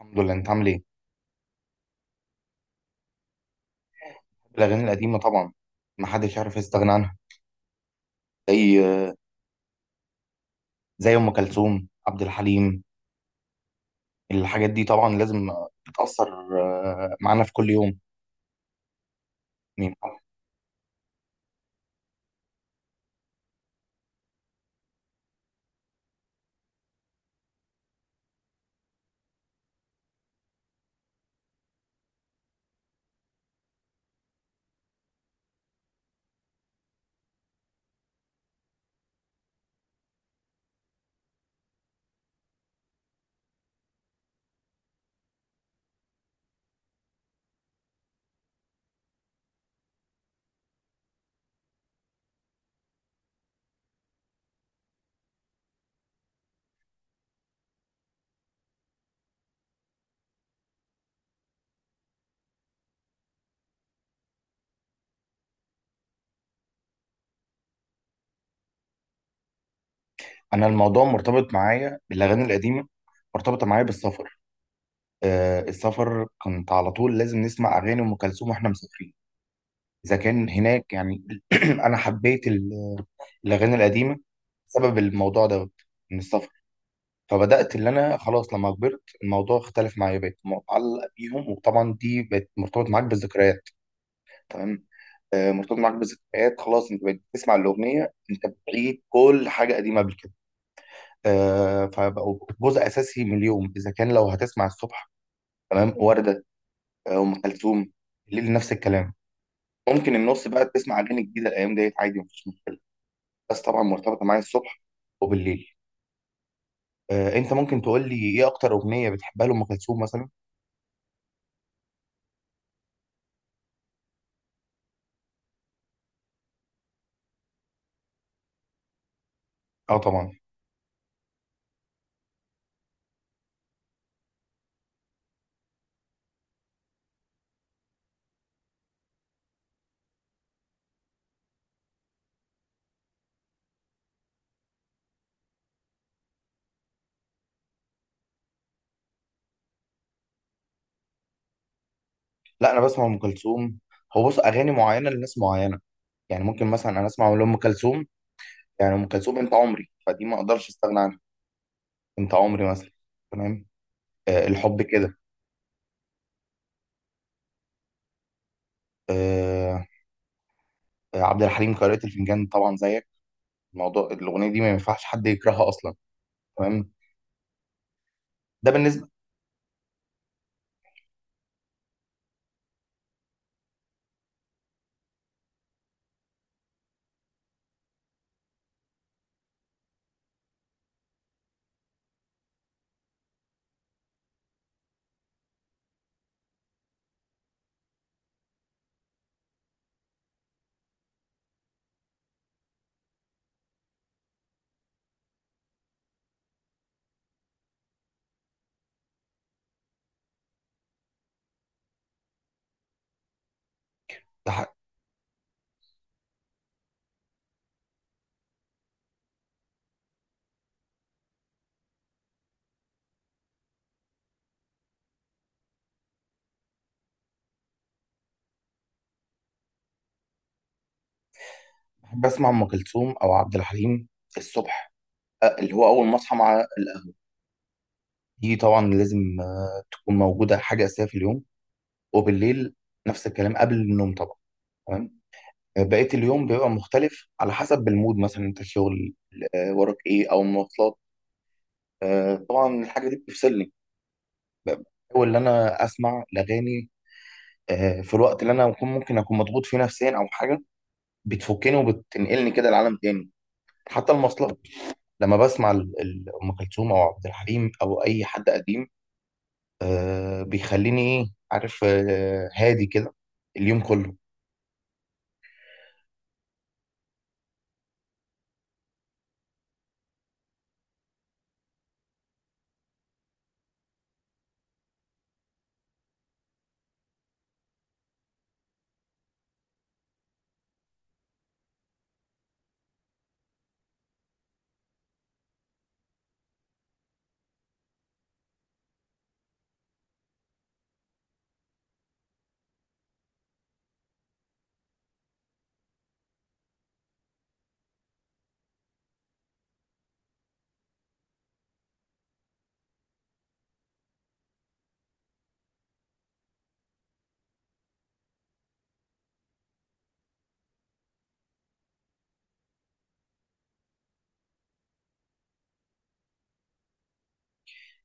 الحمد لله، انت عامل ايه؟ الاغاني القديمه طبعا. ما حدش يعرف يستغنى عنها. زي زي ام كلثوم، عبد الحليم، الحاجات دي طبعا لازم. بتاثر معانا في كل يوم. مين؟ انا الموضوع مرتبط معايا بالاغاني القديمه، مرتبطه معايا بالسفر. السفر كنت على طول لازم نسمع اغاني ام كلثوم واحنا مسافرين. اذا كان هناك يعني. انا حبيت الاغاني القديمه بسبب الموضوع ده، من السفر. فبدات اللي انا خلاص لما كبرت الموضوع اختلف معايا، بقيت متعلق بيهم، وطبعا دي بقت مرتبط معاك بالذكريات. تمام. مرتبط معاك بالذكريات، خلاص انت بقيت بتسمع الاغنيه، انت بتعيد كل حاجه قديمه قبل كده. فبقوا جزء اساسي من اليوم، اذا كان لو هتسمع الصبح تمام ورده، ام كلثوم. الليل نفس الكلام، ممكن النص بقى تسمع اغاني جديده الايام ديت عادي، مفيش مشكله، بس طبعا مرتبطه معايا الصبح وبالليل. انت ممكن تقول لي ايه اكتر اغنيه بتحبها لام كلثوم مثلا؟ اه طبعا. لا انا بسمع ام كلثوم. هو بص اغاني معينه لناس معينه، يعني ممكن مثلا انا اسمع لام كلثوم. يعني ام كلثوم انت عمري، فدي ما اقدرش استغنى عنها. انت عمري مثلا. تمام. الحب كده. آه. عبد الحليم قارئة الفنجان طبعا زيك. الموضوع الاغنيه دي ما ينفعش حد يكرهها اصلا. تمام. ده بالنسبه. بح- بحب اسمع ام كلثوم او عبد الحليم الصبح. اللي هو اول ما اصحى مع القهوه، دي طبعا لازم تكون موجوده، حاجه اساسيه في اليوم. وبالليل نفس الكلام قبل النوم طبعا. تمام. بقية اليوم بيبقى مختلف على حسب المود، مثلا انت شغل وراك ايه او مواصلات. آه، طبعا الحاجة دي بتفصلني، اول ان انا اسمع الاغاني في الوقت اللي انا ممكن اكون مضغوط فيه نفسيا او حاجة، بتفكني وبتنقلني كده لعالم تاني. حتى المواصلات لما بسمع ام كلثوم او عبد الحليم او اي حد قديم بيخليني ايه عارف، هادي كده اليوم كله.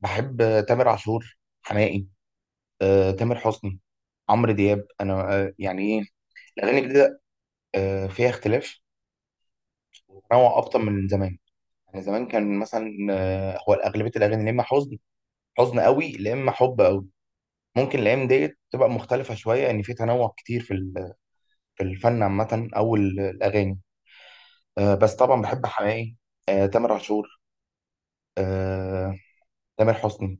بحب تامر عاشور، حماقي، تامر حسني، عمرو دياب. انا يعني ايه، الاغاني الجديده فيها اختلاف وتنوع اكتر من زمان. يعني زمان كان مثلا هو اغلبيه الاغاني يا اما حزن، حزن قوي، يا اما حب قوي. ممكن الايام ديت تبقى مختلفه شويه، يعني في تنوع كتير في في الفن عامه او الاغاني. بس طبعا بحب حماقي، تامر عاشور، آه، تامر حسني.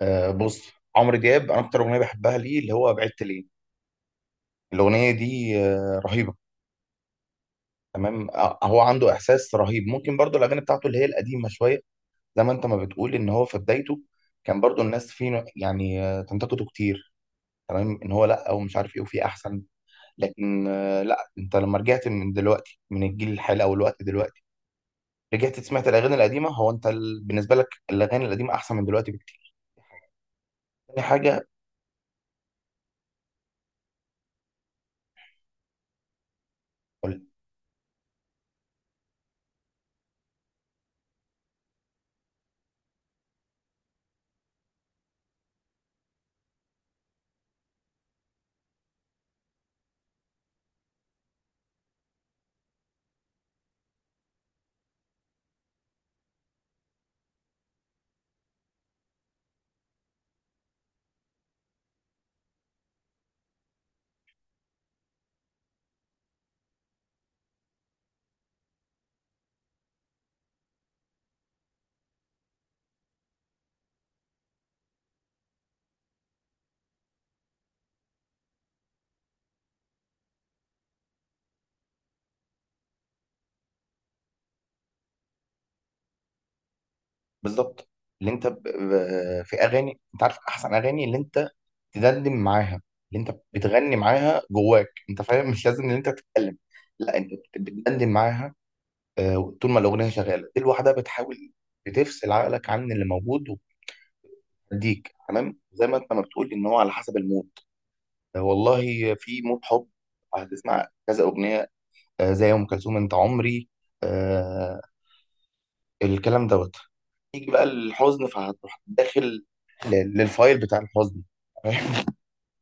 بص عمرو دياب، انا اكتر اغنيه بحبها ليه اللي هو بعدت ليه. الاغنيه دي رهيبه. تمام. هو عنده احساس رهيب، ممكن برضو الاغاني بتاعته اللي هي القديمه شويه، زي ما انت ما بتقول ان هو في بدايته كان برضو الناس فيه يعني تنتقده كتير. تمام، ان هو لا ومش عارف ايه وفي احسن، لكن لا انت لما رجعت من دلوقتي من الجيل الحالي او الوقت دلوقتي، رجعت سمعت الاغاني القديمه. هو انت بالنسبه لك الاغاني القديمه احسن من دلوقتي بكتير. تاني حاجه. قول- بالظبط. اللي انت في اغاني انت عارف، احسن اغاني اللي انت تدندن معاها، اللي انت بتغني معاها جواك انت فاهم، مش لازم ان انت تتكلم، لا انت بتدندن معاها. طول ما الاغنيه شغاله دي لوحدها بتحاول بتفصل عقلك عن اللي موجود، وبتديك تمام، زي ما انت ما بتقول ان هو على حسب المود. آه، والله في مود حب هتسمع كذا اغنيه، زي ام كلثوم انت عمري. آه، الكلام دوت. يجي بقى الحزن فهتروح داخل للفايل بتاع الحزن.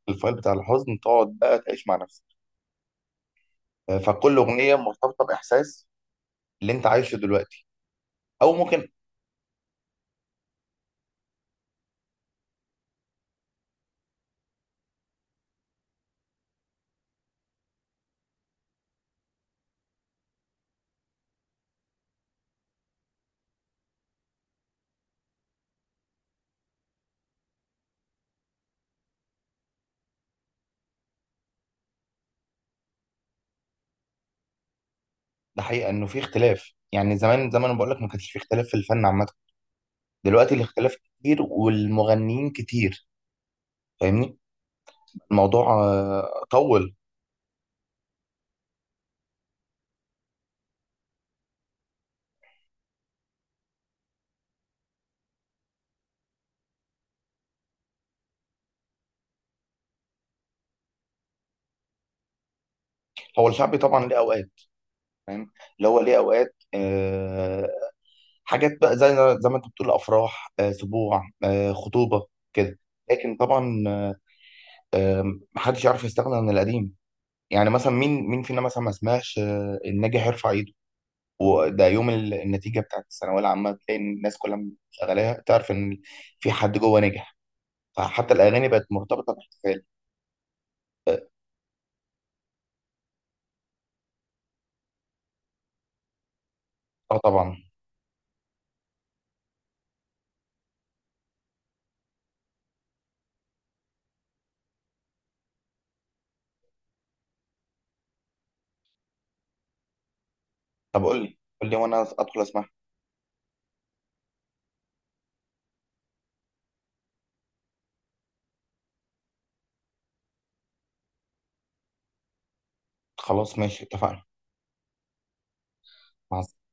الفايل بتاع الحزن، تقعد بقى تعيش مع نفسك. فكل اغنيه مرتبطه باحساس اللي انت عايشه دلوقتي، او ممكن. ده حقيقة انه في اختلاف، يعني زمان زمان انا بقول لك ما كانش في اختلاف في الفن عامة. دلوقتي الاختلاف كتير والمغنيين كتير، فاهمني. الموضوع طول. هو الشعبي طبعا ليه اوقات، فاهم، اللي هو ليه اوقات حاجات بقى زي ما انت بتقول افراح، سبوع، خطوبة كده. لكن طبعا آه، محدش يعرف يستغنى عن القديم. يعني مثلا مين مين فينا مثلا ما سمعش الناجح يرفع ايده. وده يوم النتيجه بتاعت الثانويه العامه بتلاقي ان الناس كلها شغاله تعرف ان في حد جوه نجح، فحتى الاغاني بقت مرتبطه باحتفال. اه. آه، طبعا. طب قول لي قول لي وانا ادخل اسمع. خلاص ماشي اتفقنا. مع